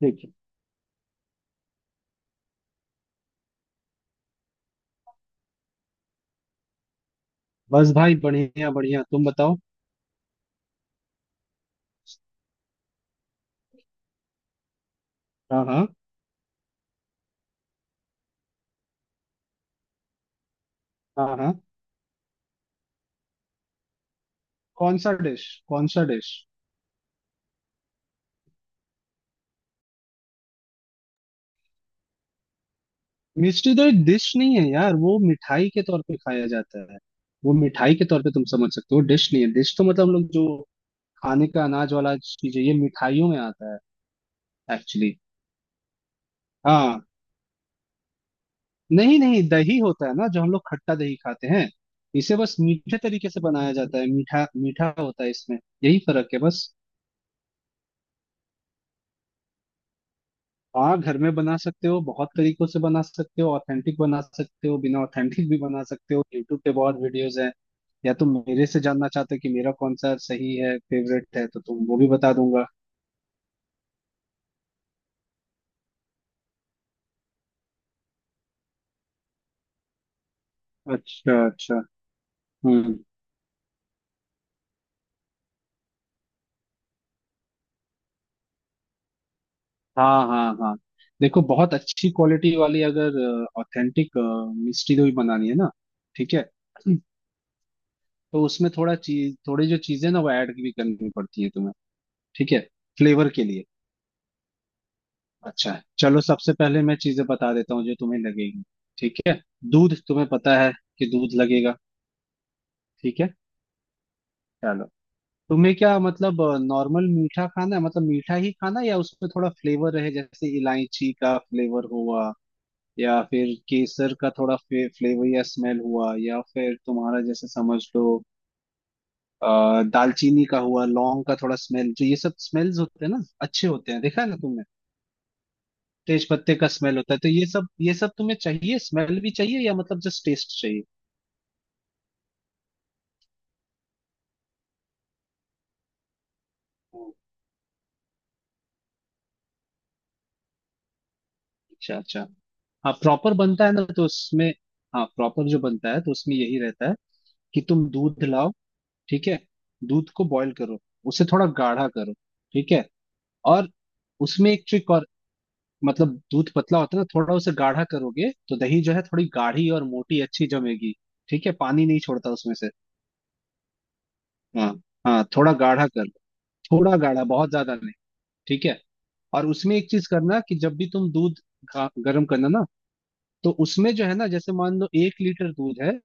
ठीक है। बस भाई, बढ़िया बढ़िया, तुम बताओ। हाँ हाँ, हाँ हाँ। कौन सा डिश, कौन सा डिश? मिस्ट्री तो एक डिश नहीं है यार, वो मिठाई के तौर पे खाया जाता है। वो मिठाई के तौर पे तुम समझ सकते हो, डिश नहीं है। डिश तो मतलब हम लोग जो खाने का अनाज वाला चीज है, ये मिठाइयों में आता है एक्चुअली। हाँ, नहीं नहीं, दही होता है ना, जो हम लोग खट्टा दही खाते हैं। इसे बस मीठे तरीके से बनाया जाता है, मीठा मीठा होता है इसमें। यही फर्क है बस। हाँ, घर में बना सकते हो, बहुत तरीकों से बना सकते हो, ऑथेंटिक बना सकते हो, बिना ऑथेंटिक भी बना सकते हो, यूट्यूब पे बहुत वीडियोस हैं। या तुम मेरे से जानना चाहते हो कि मेरा कौन सा सही है, फेवरेट है, तो तुम, वो भी बता दूंगा। अच्छा अच्छा। हम्म हाँ हाँ हाँ। देखो, बहुत अच्छी क्वालिटी वाली अगर ऑथेंटिक मिष्टी दही बनानी है ना, ठीक है, तो उसमें थोड़ा चीज, थोड़ी जो चीजें ना, वो ऐड भी करनी पड़ती है तुम्हें। ठीक है, फ्लेवर के लिए। अच्छा, चलो सबसे पहले मैं चीजें बता देता हूँ जो तुम्हें लगेगी। ठीक है, दूध, तुम्हें पता है कि दूध लगेगा। ठीक है, चलो। तुम्हें क्या, मतलब नॉर्मल मीठा खाना है, मतलब मीठा ही खाना है, या उसमें थोड़ा फ्लेवर रहे, जैसे इलायची का फ्लेवर हुआ, या फिर केसर का थोड़ा फ्लेवर या स्मेल हुआ, या फिर तुम्हारा, जैसे समझ लो, दालचीनी का हुआ, लौंग का थोड़ा स्मेल, जो ये सब स्मेल्स होते हैं ना अच्छे होते हैं, देखा है ना तुमने। तेज पत्ते का स्मेल होता है। तो ये सब, ये सब तुम्हें चाहिए? स्मेल भी चाहिए या मतलब जस्ट टेस्ट चाहिए? हम्म, अच्छा अच्छा। हाँ प्रॉपर बनता है ना, तो उसमें, हाँ प्रॉपर जो बनता है तो उसमें यही रहता है कि तुम दूध लाओ। ठीक है, दूध को बॉईल करो, उसे थोड़ा गाढ़ा करो। ठीक है, और उसमें एक ट्रिक और, मतलब दूध पतला होता है ना, थोड़ा उसे गाढ़ा करोगे तो दही जो है थोड़ी गाढ़ी और मोटी अच्छी जमेगी। ठीक है, पानी नहीं छोड़ता उसमें से। हाँ हाँ, थोड़ा गाढ़ा कर लो, थोड़ा गाढ़ा, बहुत ज्यादा नहीं। ठीक है। और उसमें एक चीज करना, कि जब भी तुम दूध गर्म करना ना, तो उसमें जो है ना, जैसे मान लो 1 लीटर दूध है,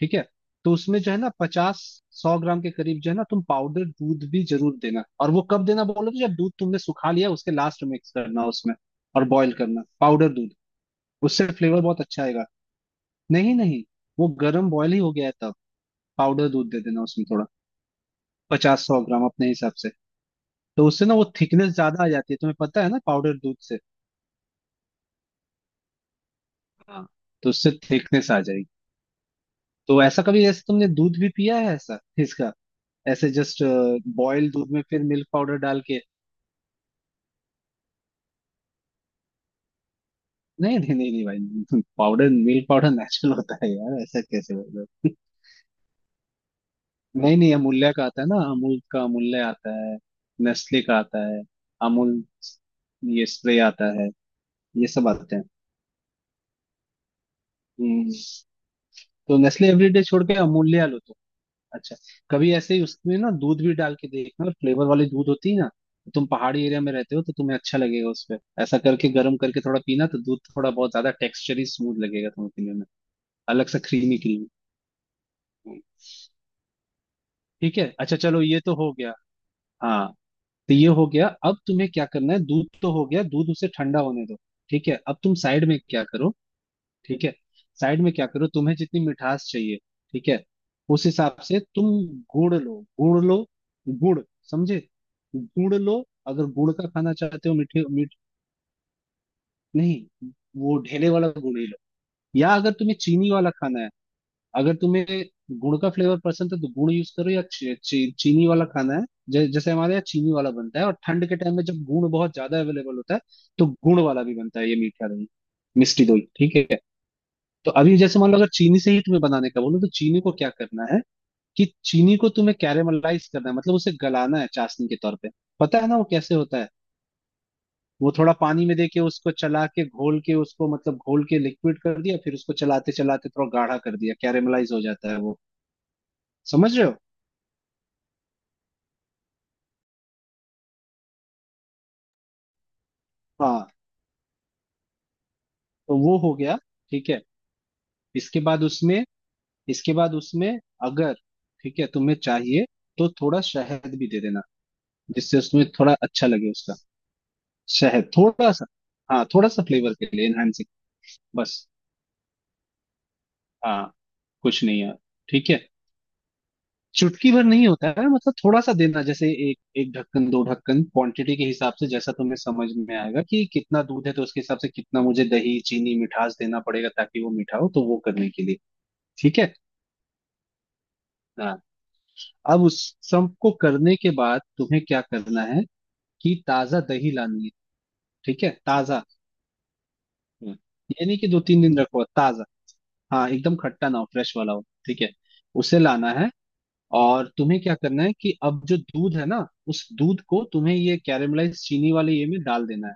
ठीक है, तो उसमें जो है ना, 50 100 ग्राम के करीब जो है ना, तुम पाउडर दूध भी जरूर देना। और वो कब देना बोलो तो, जब दूध तुमने सुखा लिया उसके लास्ट में मिक्स करना उसमें, और बॉईल करना पाउडर दूध, उससे फ्लेवर बहुत अच्छा आएगा। नहीं नहीं, वो गर्म बॉईल ही हो गया है तब पाउडर दूध दे देना उसमें थोड़ा, 50 100 ग्राम अपने हिसाब से। तो उससे ना वो थिकनेस ज्यादा आ जाती है, तुम्हें पता है ना, पाउडर दूध से। हाँ, तो उससे थिकनेस आ जाएगी। तो ऐसा, कभी जैसे तुमने दूध भी पिया है ऐसा, इसका ऐसे जस्ट बॉइल्ड दूध में फिर मिल्क पाउडर डाल के। नहीं नहीं नहीं नहीं भाई पाउडर, मिल्क पाउडर नेचुरल होता है यार, ऐसा कैसे बोल रहे हो। नहीं नहीं, अमूल्य का आता है ना, अमूल का अमूल्य आता है, नेस्ले का आता है, अमूल, ये स्प्रे आता है, ये सब आते हैं। हम्म, तो नेस्ले एवरीडे छोड़ के अमूल्य लो। अच्छा, कभी ऐसे ही उसमें ना दूध भी डाल के देखना, फ्लेवर वाली दूध होती है ना। तुम पहाड़ी एरिया में रहते हो, तो तुम्हें अच्छा लगेगा, उसपे ऐसा करके, गर्म करके थोड़ा पीना, तो दूध थोड़ा बहुत ज्यादा टेक्सचरी स्मूथ लगेगा तुम्हें पीने में, अलग सा, क्रीमी क्रीमी। ठीक है, अच्छा, चलो ये तो हो गया। हाँ, तो ये हो गया। अब तुम्हें क्या करना है, दूध तो हो गया, दूध उसे ठंडा होने दो। ठीक है, अब तुम साइड में क्या करो। ठीक है, साइड में क्या करो, तुम्हें जितनी मिठास चाहिए, ठीक है, उस हिसाब से तुम गुड़ लो, गुड़ लो, गुड़, समझे, गुड़ लो। अगर गुड़ का खाना चाहते हो, मीठे मीठ, नहीं, वो ढेले वाला गुड़ ही लो। या अगर तुम्हें चीनी वाला खाना है, अगर तुम्हें गुड़ का फ्लेवर पसंद है तो गुड़ यूज करो, या ची, ची, चीनी वाला खाना है। जैसे हमारे यहाँ चीनी वाला बनता है, और ठंड के टाइम में जब गुड़ बहुत ज्यादा अवेलेबल होता है तो गुड़ वाला भी बनता है ये मीठा दही, मिष्टी दही। ठीक है, तो अभी जैसे मान लो, अगर चीनी से ही तुम्हें बनाने का बोलो, तो चीनी को क्या करना है कि चीनी को तुम्हें कैरेमलाइज करना है, मतलब उसे गलाना है चाशनी के तौर पे, पता है ना वो कैसे होता है। वो थोड़ा पानी में देके, उसको चला के, घोल के उसको, मतलब घोल के लिक्विड कर दिया, फिर उसको चलाते चलाते थोड़ा गाढ़ा कर दिया, कैरेमलाइज हो जाता है वो। समझ रहे हो? हाँ, तो वो हो गया। ठीक है, इसके बाद उसमें, इसके बाद उसमें, अगर, ठीक है, तुम्हें चाहिए तो थोड़ा शहद भी दे देना, जिससे उसमें थोड़ा अच्छा लगे उसका, शहद थोड़ा सा। हाँ, थोड़ा सा, फ्लेवर के लिए एनहांसिंग बस। हाँ, कुछ नहीं है। ठीक है, चुटकी भर नहीं होता है, मतलब थोड़ा सा देना, जैसे एक एक ढक्कन दो ढक्कन, क्वांटिटी के हिसाब से, जैसा तुम्हें समझ में आएगा कि कितना दूध है, तो उसके हिसाब से कितना मुझे दही, चीनी, मिठास देना पड़ेगा, ताकि वो मीठा हो, तो वो करने के लिए। ठीक है, हाँ। अब उस सबको करने के बाद तुम्हें क्या करना है, कि ताजा दही लानी है। ठीक है, ताजा। हम्म। ये नहीं कि 2 3 दिन रखो, ताजा। हाँ, एकदम खट्टा ना हो, फ्रेश वाला हो। ठीक है, उसे लाना है। और तुम्हें क्या करना है, कि अब जो दूध है ना, उस दूध को तुम्हें ये कैरामलाइज चीनी वाले ये में डाल देना है।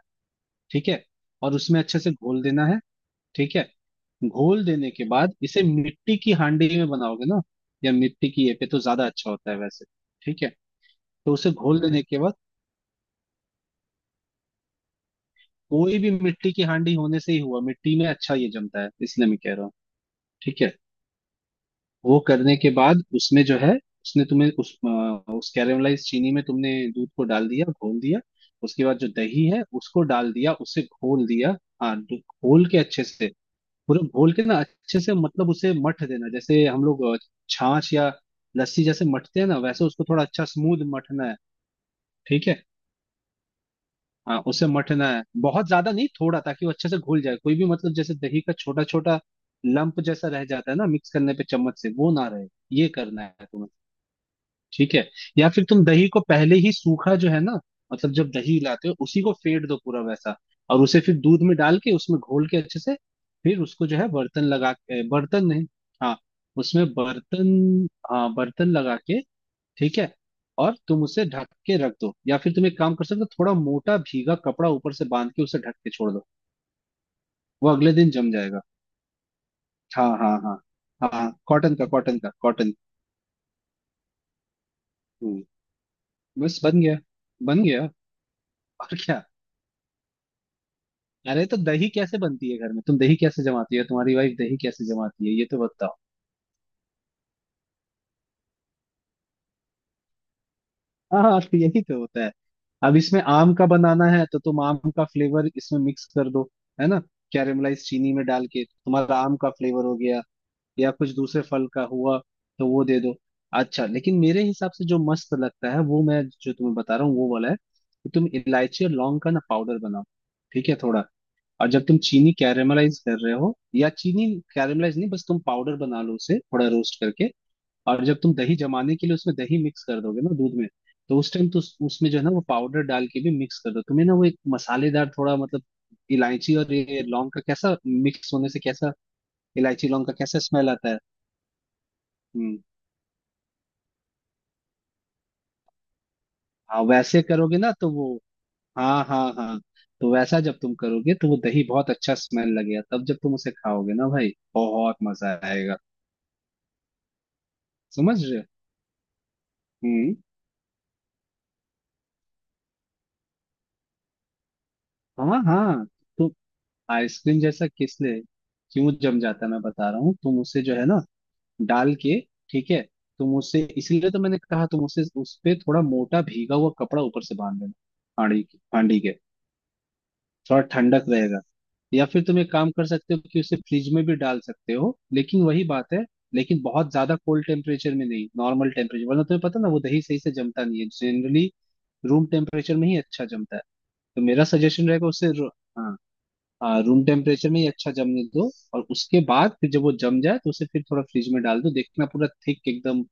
ठीक है, और उसमें अच्छे से घोल देना है। ठीक है, घोल देने के बाद, इसे मिट्टी की हांडी में बनाओगे ना, या मिट्टी की ये पे, तो ज्यादा अच्छा होता है वैसे। ठीक है, तो उसे घोल देने के बाद, कोई भी मिट्टी की हांडी होने से ही हुआ, मिट्टी में अच्छा ये जमता है, इसलिए मैं कह रहा हूँ। ठीक है, वो करने के बाद उसमें जो है, उसने तुम्हें उस उस कैरामलाइज चीनी में तुमने दूध को डाल दिया, घोल दिया। उसके बाद जो दही है उसको डाल दिया, उसे घोल दिया। हाँ दू- घोल के अच्छे से, पूरा घोल के ना अच्छे से, मतलब उसे मठ देना, जैसे हम लोग छाछ या लस्सी जैसे मठते हैं ना, वैसे उसको थोड़ा अच्छा स्मूथ मठना है। ठीक है, हाँ, उसे मठना है, बहुत ज्यादा नहीं, थोड़ा, ताकि वो अच्छे से घुल जाए। कोई भी मतलब, जैसे दही का छोटा छोटा लंप जैसा रह जाता है ना मिक्स करने पे चम्मच से, वो ना रहे, ये करना है तुम्हें। ठीक है, या फिर तुम दही को पहले ही सूखा, जो है ना, मतलब जब दही लाते हो, उसी को फेट दो पूरा वैसा, और उसे फिर दूध में डाल के, उसमें घोल के अच्छे से, फिर उसको जो है बर्तन लगा के, बर्तन नहीं, हाँ उसमें बर्तन, हाँ बर्तन लगा के। ठीक है, और तुम उसे ढक के रख दो, या फिर तुम एक काम कर सकते हो, थोड़ा मोटा भीगा कपड़ा ऊपर से बांध के उसे ढक के छोड़ दो, वो अगले दिन जम जाएगा। हाँ हाँ, हाँ हाँ हाँ, कॉटन का, कॉटन का, कॉटन। हम्म, बस बन गया, बन गया, और क्या। अरे तो दही कैसे बनती है घर में? तुम दही कैसे जमाती हो, तुम्हारी वाइफ दही कैसे जमाती है, ये तो बताओ। हाँ हाँ, तो यही तो होता है। अब इसमें आम का बनाना है तो तुम आम का फ्लेवर इसमें मिक्स कर दो, है ना, कैरेमलाइज चीनी में डाल के तुम्हारा आम का फ्लेवर हो गया, या कुछ दूसरे फल का हुआ तो वो दे दो। अच्छा, लेकिन मेरे हिसाब से जो मस्त लगता है, वो मैं जो तुम्हें बता रहा हूँ वो वाला है, कि तुम इलायची और लौंग का ना पाउडर बनाओ। ठीक है, थोड़ा। और जब तुम चीनी कैरेमलाइज कर रहे हो, या चीनी कैरेमलाइज नहीं, बस तुम पाउडर बना लो उसे थोड़ा रोस्ट करके, और जब तुम दही जमाने के लिए उसमें दही मिक्स कर दोगे ना दूध में, तो उस टाइम तो उसमें जो है ना वो पाउडर डाल के भी मिक्स कर दो, तुम्हें ना वो एक मसालेदार थोड़ा, मतलब इलायची और ये लौंग का कैसा, मिक्स होने से कैसा, इलायची लौंग का कैसा स्मेल आता है। हम्म हाँ, वैसे करोगे ना तो वो, हाँ हाँ हाँ। तो वैसा जब तुम करोगे तो वो दही बहुत अच्छा स्मेल लगेगा, तब जब तुम उसे खाओगे ना भाई, बहुत मजा आएगा। समझ रहे हो? हम्म हाँ हाँ। तो आइसक्रीम जैसा किसले, क्यों जम जाता है मैं बता रहा हूँ। तुम उसे जो है ना, डाल के, ठीक है, तुम उसे, इसीलिए तो मैंने कहा, तुम उसे उस पे थोड़ा मोटा भीगा हुआ कपड़ा ऊपर से बांध लेना, हांडी की, हांडी के, थोड़ा ठंडक रहेगा। या फिर तुम एक काम कर सकते हो कि उसे फ्रिज में भी डाल सकते हो, लेकिन वही बात है, लेकिन बहुत ज्यादा कोल्ड टेम्परेचर में नहीं, नॉर्मल टेम्परेचर, वरना तुम्हें पता ना वो दही सही से जमता नहीं है जनरली, रूम टेम्परेचर में ही अच्छा जमता है। तो मेरा सजेशन रहेगा हाँ, हाँ, रूम टेम्परेचर में ही अच्छा जमने दो, और उसके बाद फिर जब वो जम जाए तो उसे फिर थोड़ा फ्रिज में डाल दो, देखना पूरा थिक एकदम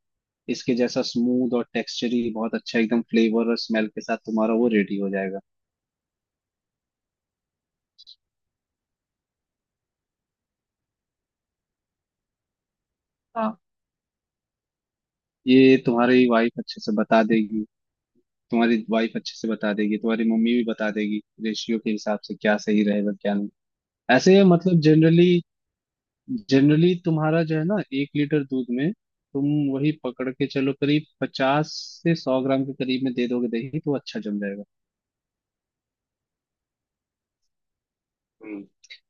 इसके जैसा स्मूथ और टेक्सचरी, बहुत अच्छा एकदम, फ्लेवर और स्मेल के साथ तुम्हारा वो रेडी हो जाएगा। हाँ, ये तुम्हारी वाइफ अच्छे से बता देगी, तुम्हारी वाइफ अच्छे से बता देगी, तुम्हारी मम्मी भी बता देगी रेशियो के हिसाब से क्या सही रहेगा क्या नहीं। ऐसे, मतलब जनरली, जनरली तुम्हारा जो है ना, 1 लीटर दूध में तुम वही पकड़ के चलो, करीब 50 से 100 ग्राम के करीब में दे दोगे दही, तो अच्छा जम जाएगा। हम्म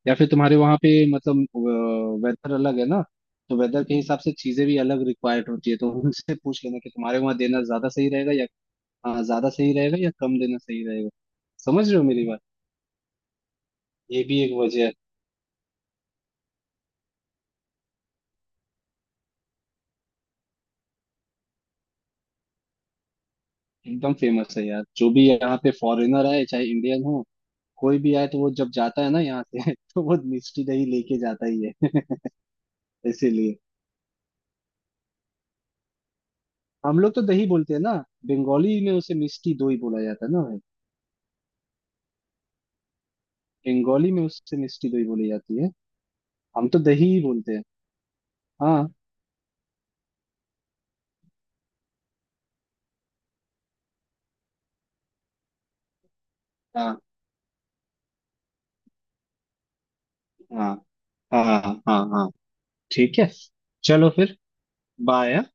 या फिर तुम्हारे वहां पे, मतलब वेदर अलग है ना, तो वेदर के हिसाब से चीजें भी अलग रिक्वायर्ड होती है, तो उनसे पूछ लेना कि तुम्हारे वहां देना ज्यादा सही रहेगा या, हाँ, ज्यादा सही रहेगा या कम देना सही रहेगा। समझ रहे हो मेरी बात? ये भी एक वजह है। एकदम फेमस है यार, जो भी यहाँ पे फॉरेनर आए, चाहे इंडियन हो, कोई भी आए तो वो जब जाता है ना यहाँ से तो वो मिष्टी दही लेके जाता ही है इसीलिए, हम लोग तो दही बोलते हैं ना, बंगाली में उसे मिष्टी दोई बोला जाता है ना भाई, बंगाली में उससे मिष्टी दोई बोली जाती है। हम तो दही ही बोलते हैं। हाँ हाँ, हाँ हाँ हाँ, हाँ हाँ, ठीक है। चलो फिर, बाय।